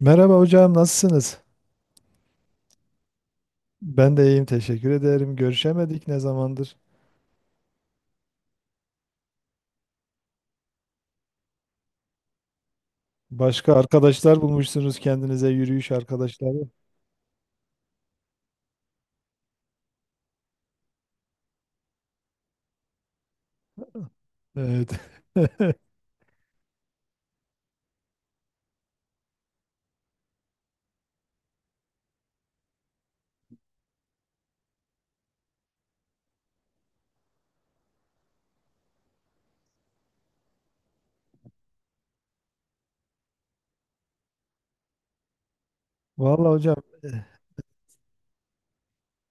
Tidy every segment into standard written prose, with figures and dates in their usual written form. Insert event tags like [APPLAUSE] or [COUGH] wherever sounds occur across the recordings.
Merhaba hocam, nasılsınız? Ben de iyiyim, teşekkür ederim. Görüşemedik ne zamandır? Başka arkadaşlar bulmuşsunuz kendinize yürüyüş arkadaşları. Evet. [LAUGHS] Vallahi hocam, eh,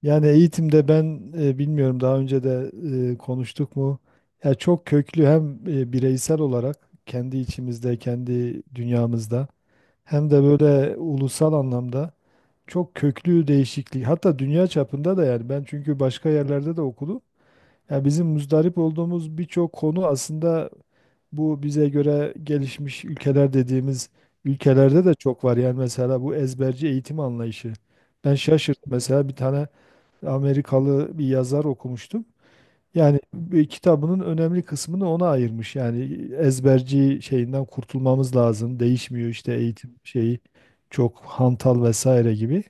yani eğitimde ben bilmiyorum, daha önce de konuştuk mu? Ya çok köklü, hem bireysel olarak kendi içimizde, kendi dünyamızda, hem de böyle ulusal anlamda çok köklü değişiklik. Hatta dünya çapında da. Yani ben çünkü başka yerlerde de okudum. Ya bizim muzdarip olduğumuz birçok konu aslında bu bize göre gelişmiş ülkeler dediğimiz ülkelerde de çok var. Yani mesela bu ezberci eğitim anlayışı. Ben şaşırt mesela, bir tane Amerikalı bir yazar okumuştum. Yani bir kitabının önemli kısmını ona ayırmış. Yani ezberci şeyinden kurtulmamız lazım. Değişmiyor işte eğitim şeyi, çok hantal vesaire gibi.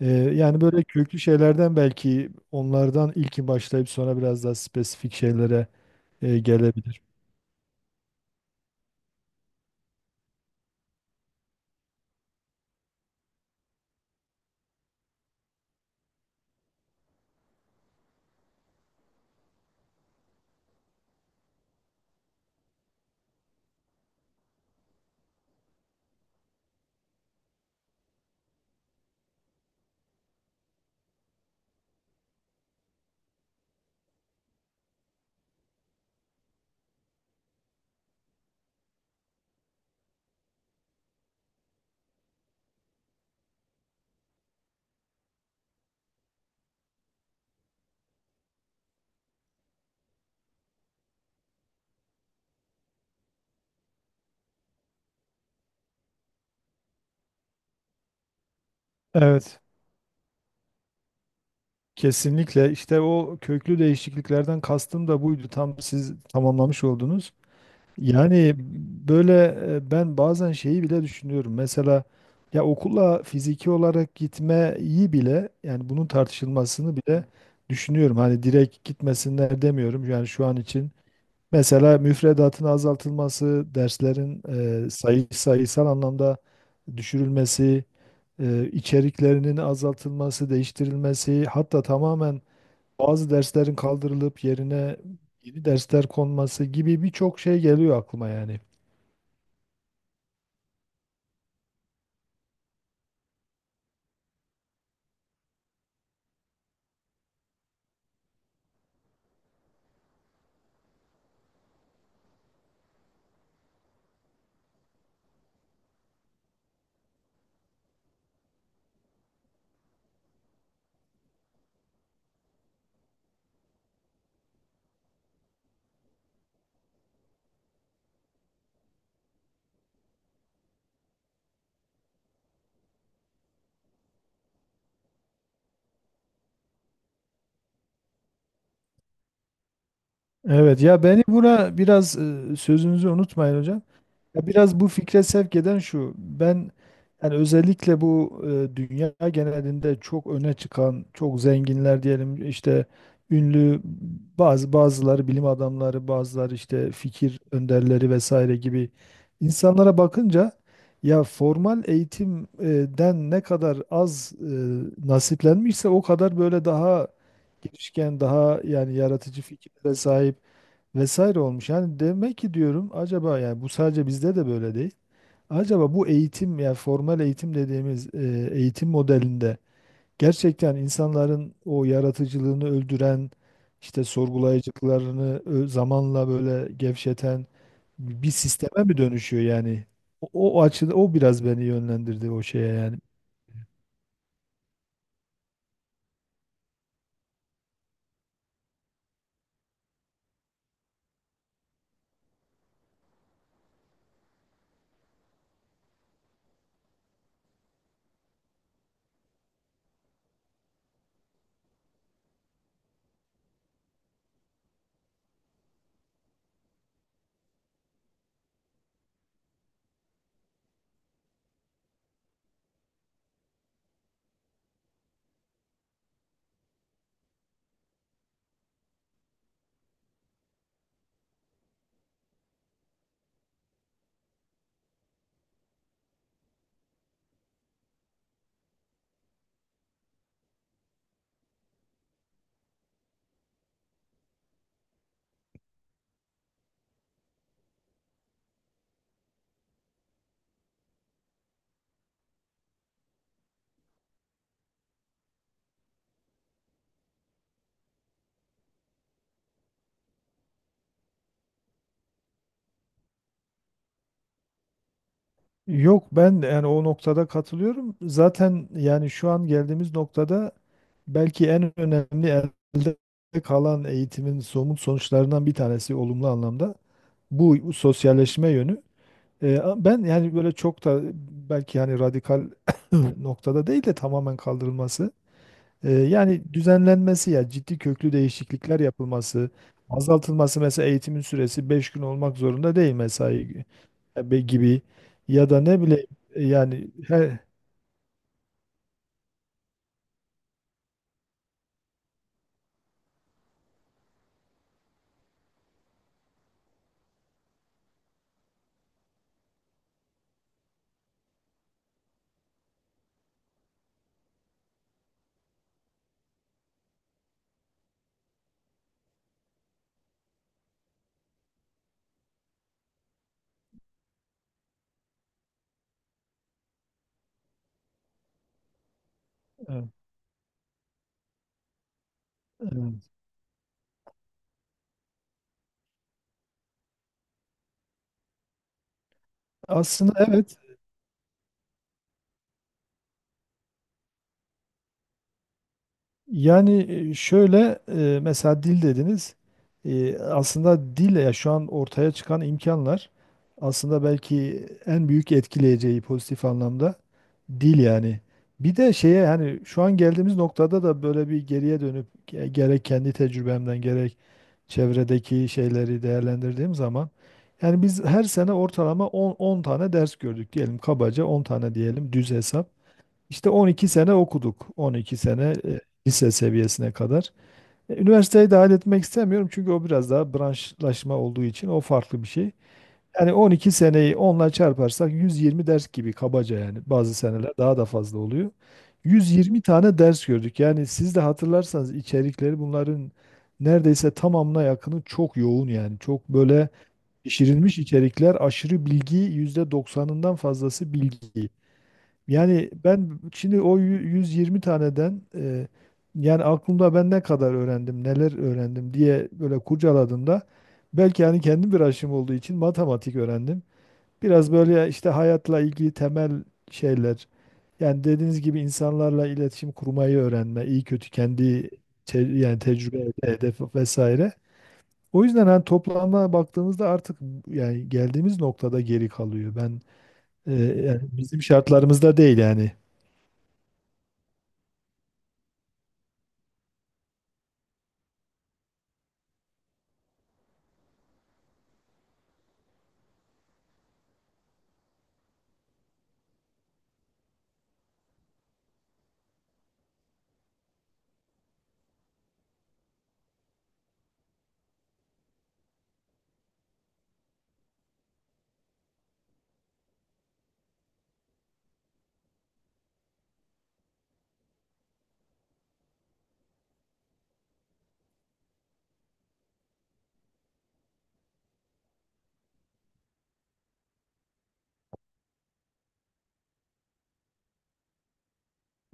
Yani böyle köklü şeylerden, belki onlardan ilki başlayıp sonra biraz daha spesifik şeylere gelebilir. Evet, kesinlikle. İşte o köklü değişikliklerden kastım da buydu. Tam siz tamamlamış oldunuz. Yani böyle, ben bazen şeyi bile düşünüyorum. Mesela ya okula fiziki olarak gitmeyi bile, yani bunun tartışılmasını bile düşünüyorum. Hani direkt gitmesinler demiyorum. Yani şu an için mesela müfredatın azaltılması, derslerin sayısal anlamda düşürülmesi, içeriklerinin azaltılması, değiştirilmesi, hatta tamamen bazı derslerin kaldırılıp yerine yeni dersler konması gibi birçok şey geliyor aklıma yani. Evet ya, beni buna biraz sözünüzü unutmayın hocam. Ya biraz bu fikre sevk eden şu. Ben yani özellikle bu dünya genelinde çok öne çıkan, çok zenginler diyelim, işte ünlü bazıları bilim adamları, bazıları işte fikir önderleri vesaire gibi insanlara bakınca, ya formal eğitimden ne kadar az nasiplenmişse, o kadar böyle daha girişken, daha yani yaratıcı fikirlere sahip vesaire olmuş. Yani demek ki diyorum, acaba yani bu sadece bizde de böyle değil. Acaba bu eğitim, yani formal eğitim dediğimiz eğitim modelinde gerçekten insanların o yaratıcılığını öldüren, işte sorgulayıcılıklarını zamanla böyle gevşeten bir sisteme mi dönüşüyor yani? O, o açıda o biraz beni yönlendirdi o şeye yani. Yok, ben de yani o noktada katılıyorum. Zaten yani şu an geldiğimiz noktada belki en önemli elde kalan eğitimin somut sonuçlarından bir tanesi, olumlu anlamda, bu sosyalleşme yönü. Ben yani böyle çok da, belki hani radikal [COUGHS] [CLEARS THROAT] noktada değil de tamamen kaldırılması. Yani düzenlenmesi ya ciddi köklü değişiklikler yapılması, azaltılması. Mesela eğitimin süresi 5 gün olmak zorunda değil mesai gibi, ya da ne bileyim yani her. Evet. Evet. Aslında evet. Yani şöyle, mesela dil dediniz. Aslında dille, ya şu an ortaya çıkan imkanlar aslında belki en büyük etkileyeceği pozitif anlamda dil yani. Bir de şeye, hani şu an geldiğimiz noktada da böyle bir geriye dönüp gerek kendi tecrübemden, gerek çevredeki şeyleri değerlendirdiğim zaman, yani biz her sene ortalama 10, 10 tane ders gördük diyelim, kabaca 10 tane diyelim, düz hesap. İşte 12 sene okuduk. 12 sene lise seviyesine kadar. E, üniversiteyi dahil etmek istemiyorum çünkü o biraz daha branşlaşma olduğu için o farklı bir şey. Yani 12 seneyi onla çarparsak 120 ders gibi kabaca, yani bazı seneler daha da fazla oluyor. 120 tane ders gördük. Yani siz de hatırlarsanız içerikleri bunların neredeyse tamamına yakını çok yoğun yani. Çok böyle pişirilmiş içerikler, aşırı bilgi, %90'ından fazlası bilgi. Yani ben şimdi o 120 taneden yani aklımda ben ne kadar öğrendim, neler öğrendim diye böyle kurcaladığımda, belki hani kendim bir aşım olduğu için matematik öğrendim. Biraz böyle işte hayatla ilgili temel şeyler. Yani dediğiniz gibi insanlarla iletişim kurmayı öğrenme, iyi kötü kendi yani tecrübe, hedef vesaire. O yüzden hani toplama baktığımızda artık yani geldiğimiz noktada geri kalıyor. Ben yani bizim şartlarımızda değil yani.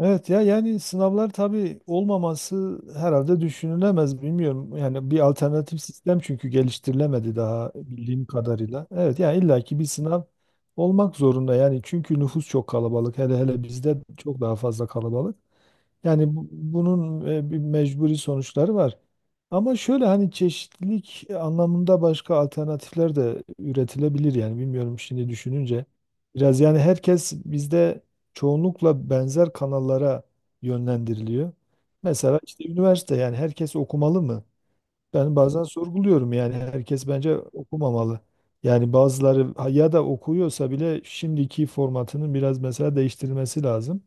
Evet ya, yani sınavlar tabii, olmaması herhalde düşünülemez bilmiyorum. Yani bir alternatif sistem çünkü geliştirilemedi daha bildiğim kadarıyla. Evet, yani illaki bir sınav olmak zorunda yani, çünkü nüfus çok kalabalık. Hele hele bizde çok daha fazla kalabalık. Yani bunun bir mecburi sonuçları var. Ama şöyle hani çeşitlilik anlamında başka alternatifler de üretilebilir yani, bilmiyorum, şimdi düşününce. Biraz yani herkes bizde çoğunlukla benzer kanallara yönlendiriliyor. Mesela işte üniversite, yani herkes okumalı mı? Ben bazen sorguluyorum, yani herkes bence okumamalı. Yani bazıları ya da okuyorsa bile şimdiki formatının biraz mesela değiştirilmesi lazım.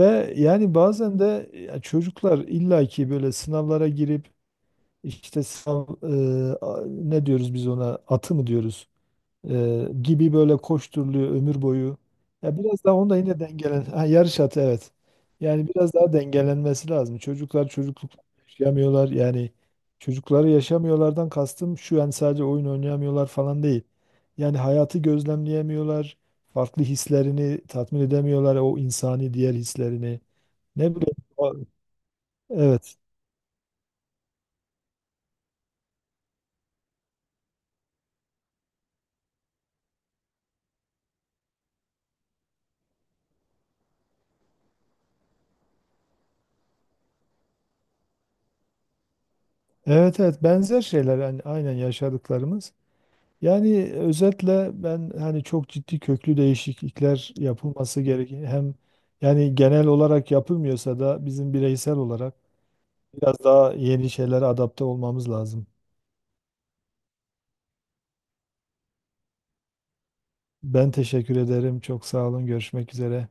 Ve yani bazen de ya çocuklar illaki böyle sınavlara girip, işte sınav ne diyoruz biz ona, atı mı diyoruz? Gibi, böyle koşturuluyor ömür boyu. Ya biraz daha onda yine dengelen, ha, yarış atı, evet. Yani biraz daha dengelenmesi lazım. Çocuklar çocukluk yaşamıyorlar. Yani çocukları yaşamıyorlardan kastım şu: yani sadece oyun oynayamıyorlar falan değil. Yani hayatı gözlemleyemiyorlar. Farklı hislerini tatmin edemiyorlar, o insani diğer hislerini. Ne bileyim. Evet. Evet evet, benzer şeyler yani, aynen yaşadıklarımız. Yani özetle ben hani çok ciddi köklü değişiklikler yapılması gereken, hem yani genel olarak yapılmıyorsa da bizim bireysel olarak biraz daha yeni şeylere adapte olmamız lazım. Ben teşekkür ederim. Çok sağ olun. Görüşmek üzere.